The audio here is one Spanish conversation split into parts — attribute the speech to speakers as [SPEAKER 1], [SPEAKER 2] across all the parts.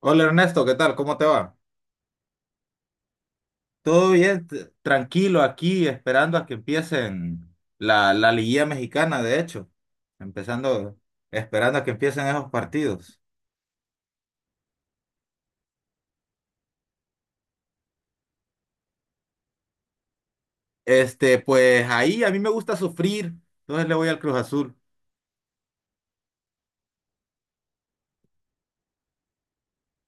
[SPEAKER 1] Hola Ernesto, ¿qué tal? ¿Cómo te va? Todo bien, tranquilo aquí, esperando a que empiecen la liguilla mexicana, de hecho, empezando, esperando a que empiecen esos partidos. Pues ahí a mí me gusta sufrir, entonces le voy al Cruz Azul.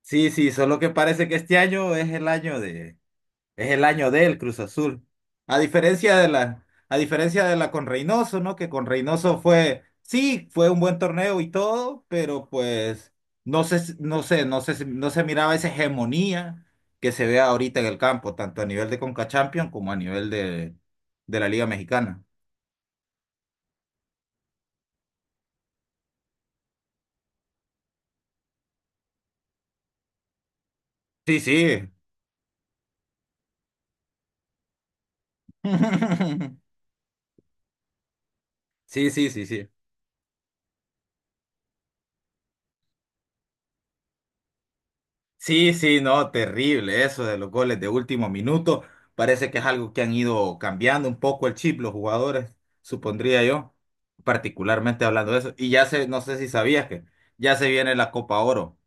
[SPEAKER 1] Sí, sí, solo que parece que este año es el año del Cruz Azul. A diferencia de la con Reynoso, ¿no? Que con Reynoso fue, sí, fue un buen torneo y todo, pero pues no sé, no se miraba esa hegemonía que se ve ahorita en el campo, tanto a nivel de Conca Champions como a nivel de la Liga Mexicana. Sí, sí. Sí, sí, sí, sí. Sí, sí, no, terrible eso de los goles de último minuto. Parece que es algo que han ido cambiando un poco el chip los jugadores, supondría yo, particularmente hablando de eso. Y ya se, no sé si sabías que ya se viene la Copa Oro,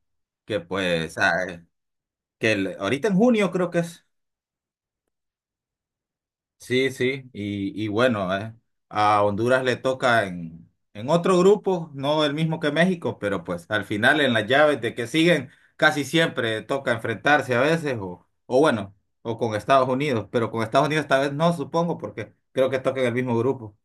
[SPEAKER 1] que pues, ahorita en junio creo que es. Sí, sí, y bueno, a Honduras le toca en otro grupo, no el mismo que México, pero pues al final en las llaves de que siguen, casi siempre toca enfrentarse a veces, o bueno, o con Estados Unidos, pero con Estados Unidos esta vez no, supongo, porque creo que toca en el mismo grupo.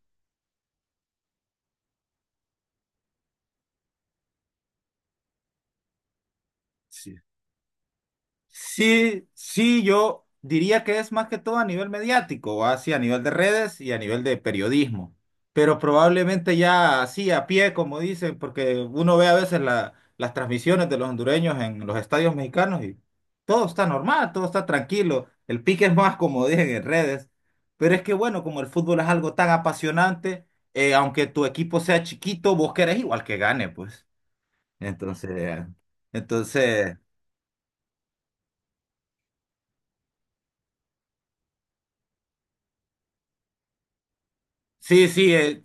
[SPEAKER 1] Sí, sí, yo diría que es más que todo a nivel mediático, así a nivel de redes y a nivel de periodismo, pero probablemente ya así a pie, como dicen, porque uno ve a veces las transmisiones de los hondureños en los estadios mexicanos y todo está normal, todo está tranquilo, el pique es más, como dicen, en redes, pero es que bueno, como el fútbol es algo tan apasionante, aunque tu equipo sea chiquito, vos querés igual que gane, pues, entonces... Entonces. Sí, sí,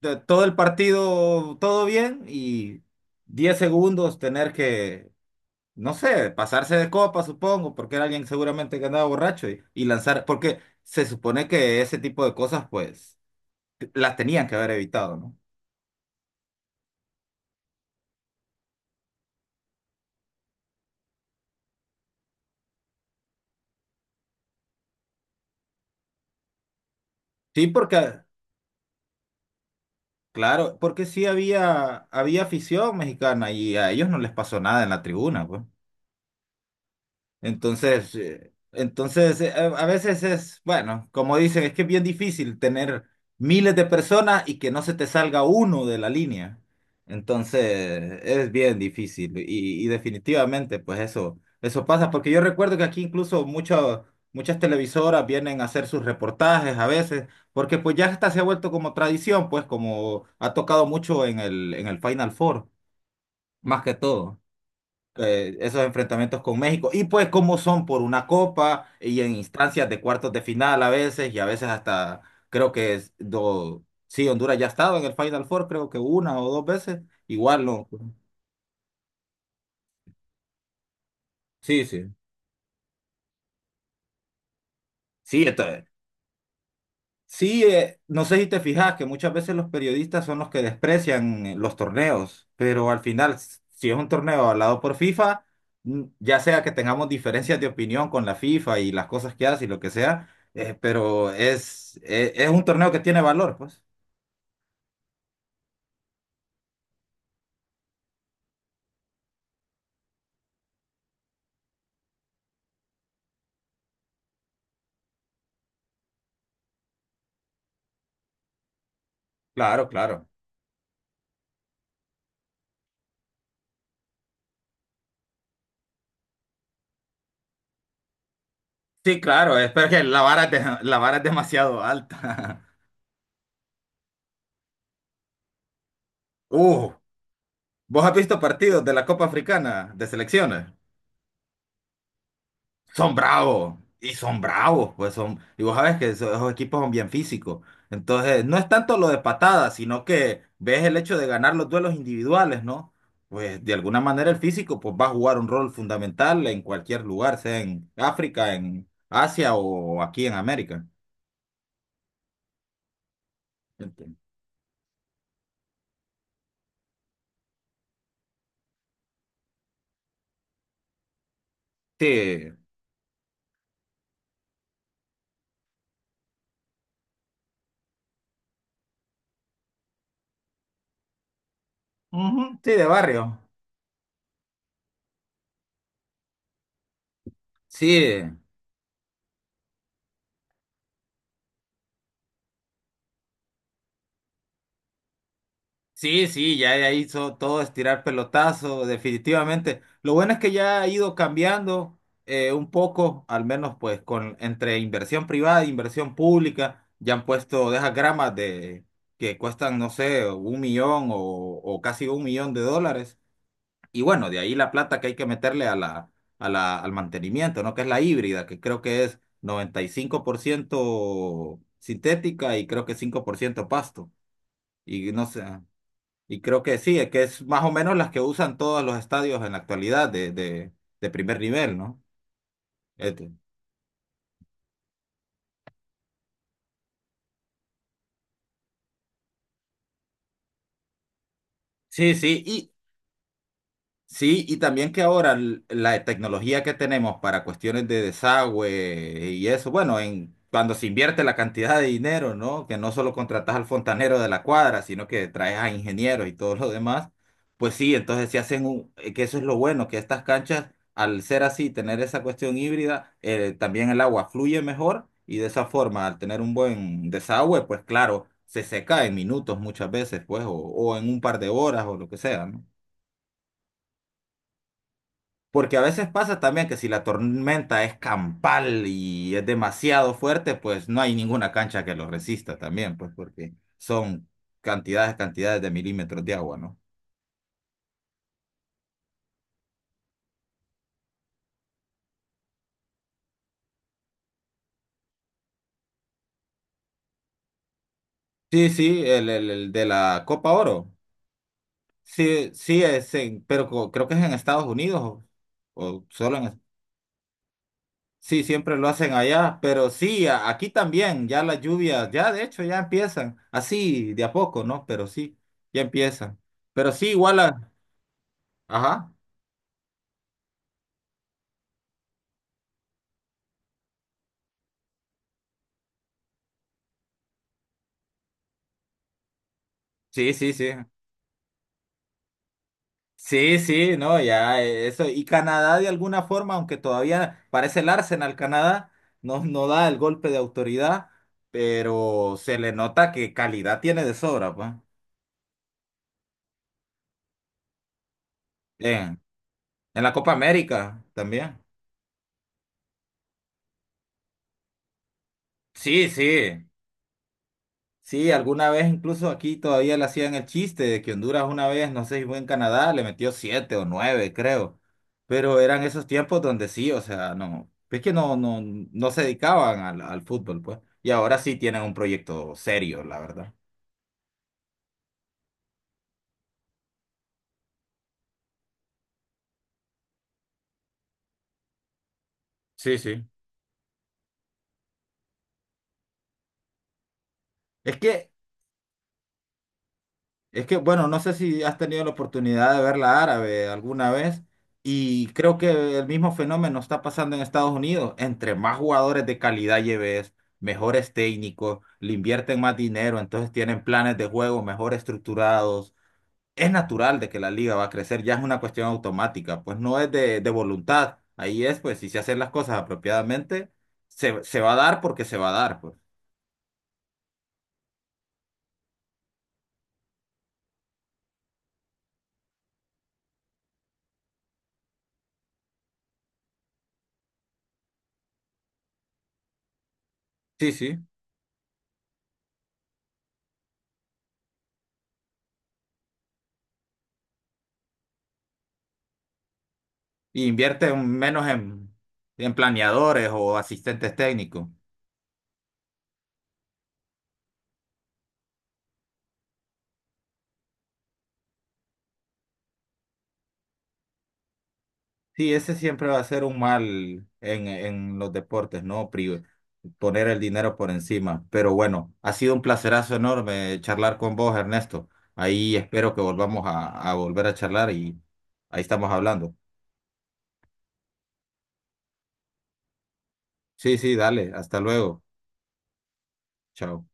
[SPEAKER 1] todo el partido, todo bien y 10 segundos tener que, no sé, pasarse de copa, supongo, porque era alguien seguramente que andaba borracho y lanzar, porque se supone que ese tipo de cosas, pues, las tenían que haber evitado, ¿no? Sí, porque, claro, porque sí había afición mexicana y a ellos no les pasó nada en la tribuna, pues. Entonces, a veces es, bueno, como dicen, es que es bien difícil tener miles de personas y que no se te salga uno de la línea. Entonces, es bien difícil y definitivamente, pues eso pasa, porque yo recuerdo que aquí incluso muchas televisoras vienen a hacer sus reportajes a veces, porque pues ya hasta se ha vuelto como tradición, pues como ha tocado mucho en el Final Four, más que todo esos enfrentamientos con México. Y pues como son por una copa y en instancias de cuartos de final a veces y a veces hasta creo que es sí, Honduras ya ha estado en el Final Four, creo que una o dos veces. Igual no. Sí, sí. Sí, Sí, no sé si te fijas que muchas veces los periodistas son los que desprecian los torneos, pero al final, si es un torneo avalado por FIFA, ya sea que tengamos diferencias de opinión con la FIFA y las cosas que hace y lo que sea, pero es un torneo que tiene valor, pues. Claro, claro. Sí, claro, es pero que la vara es demasiado alta. Uh, ¿vos has visto partidos de la Copa Africana de selecciones? Son bravos y son bravos, pues son, y vos sabes que esos equipos son bien físicos. Entonces, no es tanto lo de patadas, sino que ves el hecho de ganar los duelos individuales, ¿no? Pues de alguna manera el físico pues va a jugar un rol fundamental en cualquier lugar, sea en África, en Asia o aquí en América. Ent- Sí, ujú, sí, de barrio. Sí, sí, sí, ya hizo todo estirar tirar pelotazo, definitivamente. Lo bueno es que ya ha ido cambiando un poco, al menos pues con entre inversión privada e inversión pública, ya han puesto de esas gramas de que cuestan, no sé, un millón o casi un millón de dólares. Y bueno, de ahí la plata que hay que meterle a al mantenimiento, ¿no? Que es la híbrida, que creo que es 95% sintética y creo que 5% pasto. Y no sé. Y creo que sí, es que es más o menos las que usan todos los estadios en la actualidad de primer nivel, ¿no? Este. Sí, sí, sí, y también que ahora la tecnología que tenemos para cuestiones de desagüe y eso, bueno, en cuando se invierte la cantidad de dinero, ¿no? Que no solo contratas al fontanero de la cuadra, sino que traes a ingenieros y todo lo demás, pues sí, entonces se hacen que eso es lo bueno, que estas canchas, al ser así, tener esa cuestión híbrida, también el agua fluye mejor y de esa forma, al tener un buen desagüe, pues claro, se seca en minutos muchas veces, pues, o en un par de horas o lo que sea, ¿no? Porque a veces pasa también que si la tormenta es campal y es demasiado fuerte, pues no hay ninguna cancha que lo resista también, pues porque son cantidades de milímetros de agua, ¿no? Sí, sí, el de la Copa Oro. Sí, sí, es pero creo que es en Estados Unidos o solo en. Sí, siempre lo hacen allá, pero sí, aquí también, ya las lluvias, ya de hecho ya empiezan, así de a poco, ¿no? Pero sí, ya empiezan. Pero sí, igual a. Ajá. Sí, sí, sí. Sí, sí, no, ya eso. Y Canadá de alguna forma, aunque todavía parece el Arsenal Canadá, no, no da el golpe de autoridad, pero se le nota que calidad tiene de sobra, pues. En, en la Copa América también. Sí, sí. Sí, alguna vez incluso aquí todavía le hacían el chiste de que Honduras una vez, no sé si fue en Canadá, le metió siete o nueve, creo. Pero eran esos tiempos donde sí, o sea, no, es que no, no se dedicaban al fútbol, pues. Y ahora sí tienen un proyecto serio, la verdad. Sí, sí. Es que Es que, bueno, no sé si has tenido la oportunidad de verla árabe alguna vez y creo que el mismo fenómeno está pasando en Estados Unidos. Entre más jugadores de calidad lleves, mejores técnicos, le invierten más dinero, entonces tienen planes de juego mejor estructurados. Es natural de que la liga va a crecer, ya es una cuestión automática, pues no es de voluntad. Ahí es, pues, si se hacen las cosas apropiadamente, se va a dar porque se va a dar, pues. Sí, sí. Y invierte menos en planeadores o asistentes técnicos. Sí, ese siempre va a ser un mal en los deportes, ¿no? Poner el dinero por encima. Pero bueno, ha sido un placerazo enorme charlar con vos, Ernesto. Ahí espero que volvamos a volver a charlar y ahí estamos hablando. Sí, sí, dale, hasta luego. Chao.